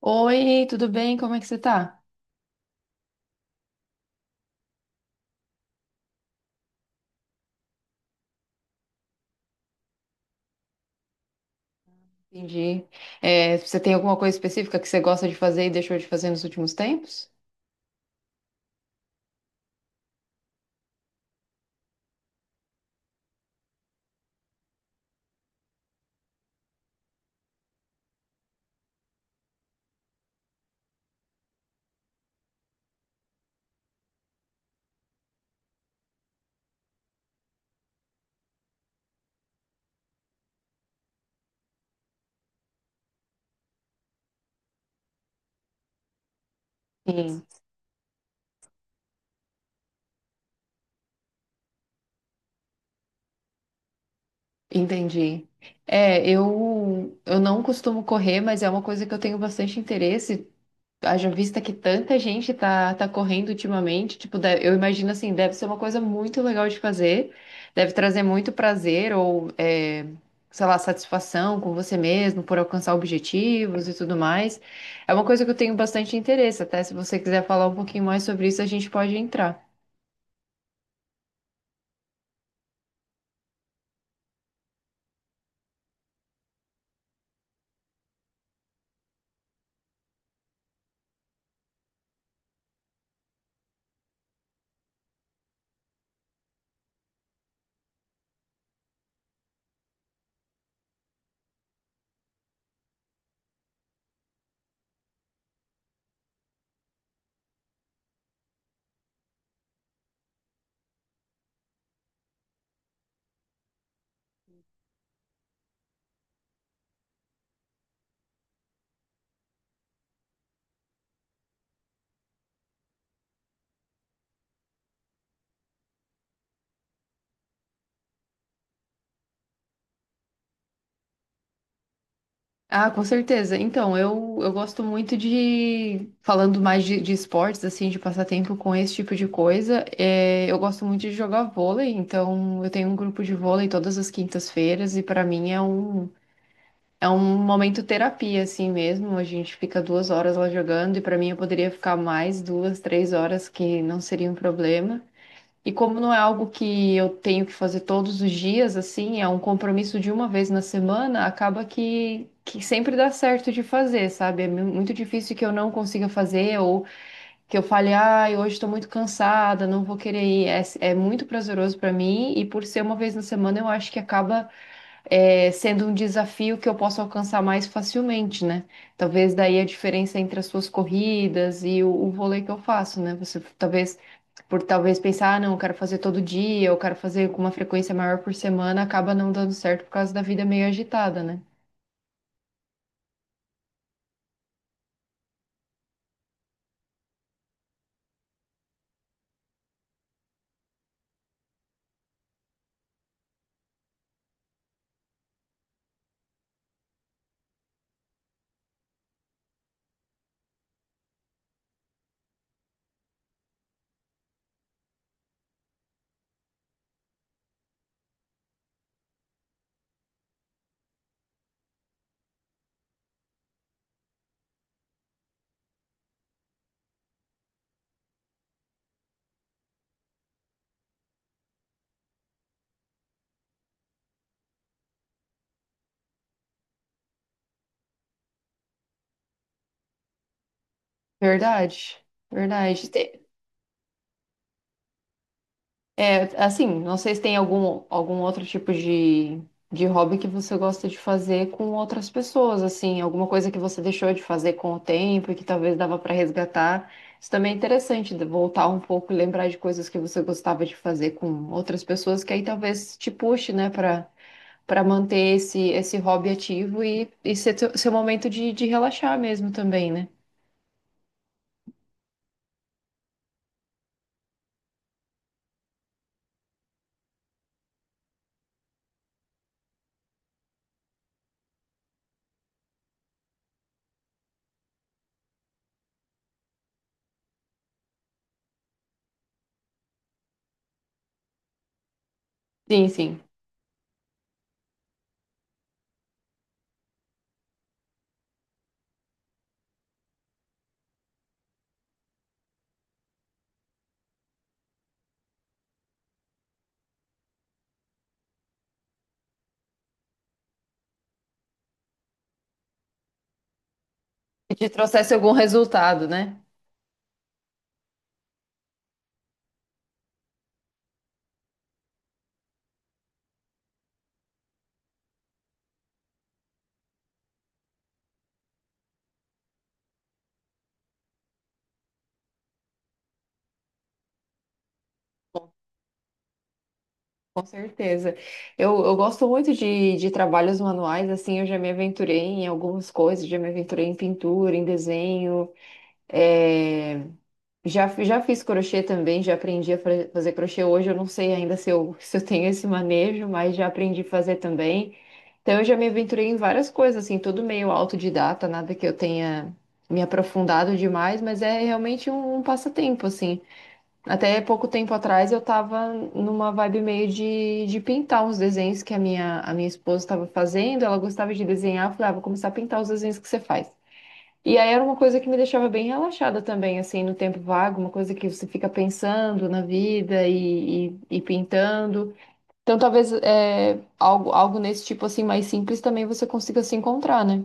Oi, tudo bem? Como é que você tá? Entendi. É, você tem alguma coisa específica que você gosta de fazer e deixou de fazer nos últimos tempos? Sim, entendi. É, eu não costumo correr, mas é uma coisa que eu tenho bastante interesse. Haja vista que tanta gente tá correndo ultimamente, tipo, eu imagino assim, deve ser uma coisa muito legal de fazer, deve trazer muito prazer ou, é, sei lá, satisfação com você mesmo por alcançar objetivos e tudo mais. É uma coisa que eu tenho bastante interesse, até se você quiser falar um pouquinho mais sobre isso, a gente pode entrar. Ah, com certeza. Então, eu gosto muito de, falando mais de esportes, assim, de passar tempo com esse tipo de coisa, é, eu gosto muito de jogar vôlei, então eu tenho um grupo de vôlei todas as quintas-feiras e para mim é um momento terapia, assim mesmo. A gente fica 2 horas lá jogando e para mim eu poderia ficar mais 2, 3 horas, que não seria um problema. E como não é algo que eu tenho que fazer todos os dias, assim, é um compromisso de uma vez na semana, acaba que sempre dá certo de fazer, sabe? É muito difícil que eu não consiga fazer ou que eu fale, ai, hoje estou muito cansada, não vou querer ir. É, é muito prazeroso para mim e por ser uma vez na semana, eu acho que acaba é, sendo um desafio que eu posso alcançar mais facilmente, né? Talvez daí a diferença entre as suas corridas e o vôlei que eu faço, né? Você talvez, por talvez pensar, ah, não, eu quero fazer todo dia, eu quero fazer com uma frequência maior por semana, acaba não dando certo por causa da vida meio agitada, né? Verdade, verdade. Assim, não sei se tem algum, algum outro tipo de hobby que você gosta de fazer com outras pessoas, assim, alguma coisa que você deixou de fazer com o tempo e que talvez dava para resgatar. Isso também é interessante, de voltar um pouco e lembrar de coisas que você gostava de fazer com outras pessoas, que aí talvez te puxe, né, para manter esse, esse hobby ativo e ser seu momento de relaxar mesmo também, né? Sim, sim. E te trouxesse algum resultado, né? Com certeza. Eu gosto muito de trabalhos manuais, assim, eu já me aventurei em algumas coisas, já me aventurei em pintura, em desenho, é, já, já fiz crochê também, já aprendi a fazer crochê. Hoje eu não sei ainda se eu, se eu tenho esse manejo, mas já aprendi a fazer também. Então eu já me aventurei em várias coisas, assim, tudo meio autodidata, nada que eu tenha me aprofundado demais, mas é realmente um, um passatempo, assim. Até pouco tempo atrás eu tava numa vibe meio de pintar uns desenhos que a minha esposa estava fazendo, ela gostava de desenhar, eu falei, ah, vou começar a pintar os desenhos que você faz. E aí era uma coisa que me deixava bem relaxada também, assim, no tempo vago, uma coisa que você fica pensando na vida e pintando. Então talvez é, algo, algo nesse tipo assim mais simples também você consiga se encontrar, né?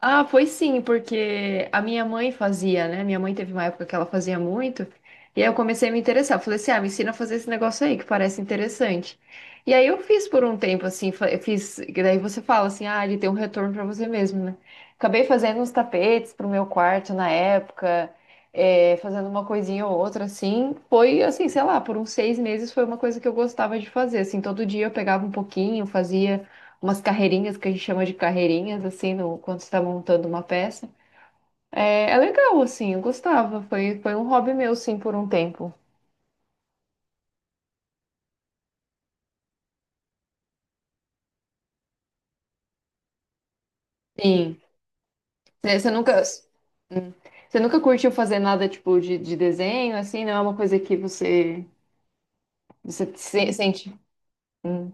Ah, foi sim, porque a minha mãe fazia, né? Minha mãe teve uma época que ela fazia muito, e aí eu comecei a me interessar. Eu falei assim, ah, me ensina a fazer esse negócio aí, que parece interessante. E aí eu fiz por um tempo, assim, eu fiz, e daí você fala assim, ah, ele tem um retorno pra você mesmo, né? Acabei fazendo uns tapetes pro meu quarto na época, fazendo uma coisinha ou outra, assim. Foi, assim, sei lá, por uns 6 meses foi uma coisa que eu gostava de fazer, assim, todo dia eu pegava um pouquinho, fazia umas carreirinhas que a gente chama de carreirinhas, assim, no, quando você tá montando uma peça. É, é legal, assim, eu gostava. Foi, foi um hobby meu, sim, por um tempo. Sim. Você você nunca. hum. Você nunca curtiu fazer nada tipo de desenho, assim? Não é uma coisa que você, você sente. Hum.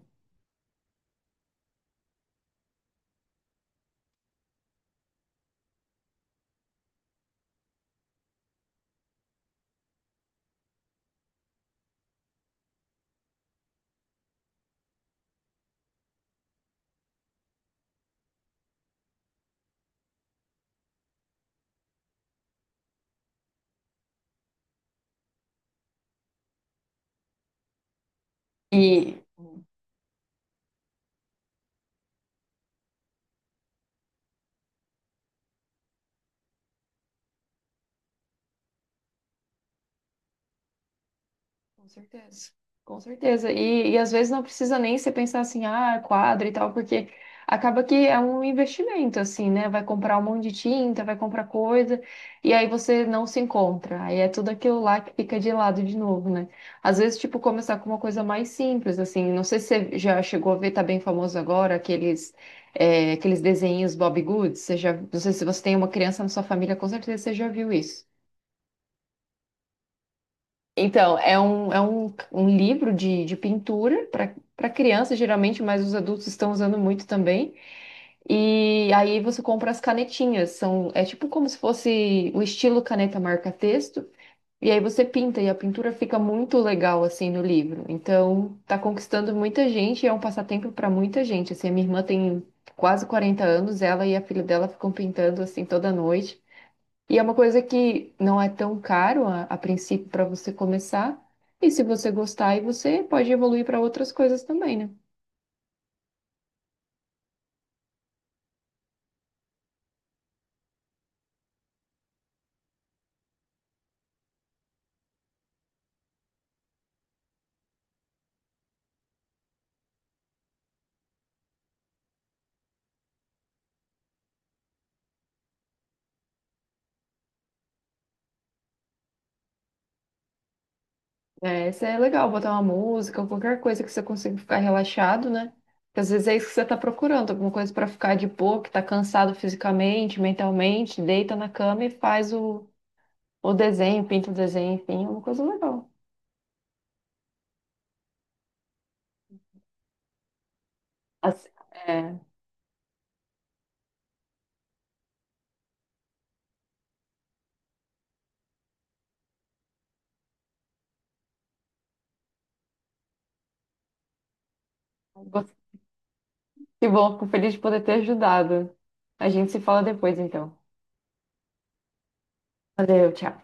E. Com certeza, com certeza. E às vezes não precisa nem você pensar assim, ah, quadro e tal, porque acaba que é um investimento, assim, né? Vai comprar um monte de tinta, vai comprar coisa, e aí você não se encontra. Aí é tudo aquilo lá que fica de lado de novo, né? Às vezes, tipo, começar com uma coisa mais simples, assim. Não sei se você já chegou a ver, tá bem famoso agora, aqueles, é, aqueles desenhos Bob Goods. Você já, não sei se você tem uma criança na sua família, com certeza você já viu isso. Então, é um, um livro de pintura para criança, geralmente, mas os adultos estão usando muito também. E aí você compra as canetinhas, são, é tipo como se fosse o estilo caneta marca-texto, e aí você pinta, e a pintura fica muito legal assim no livro. Então, tá conquistando muita gente, e é um passatempo para muita gente. Assim, a minha irmã tem quase 40 anos, ela e a filha dela ficam pintando assim toda noite. E é uma coisa que não é tão caro a princípio para você começar. E se você gostar, aí você pode evoluir para outras coisas também, né? É, isso é legal, botar uma música ou qualquer coisa que você consiga ficar relaxado, né? Porque às vezes é isso que você está procurando, alguma coisa para ficar de boa, que tá cansado fisicamente, mentalmente, deita na cama e faz o desenho, pinta o desenho, enfim, é uma coisa legal. Assim, é, que bom, fico feliz de poder ter ajudado. A gente se fala depois, então. Valeu, tchau.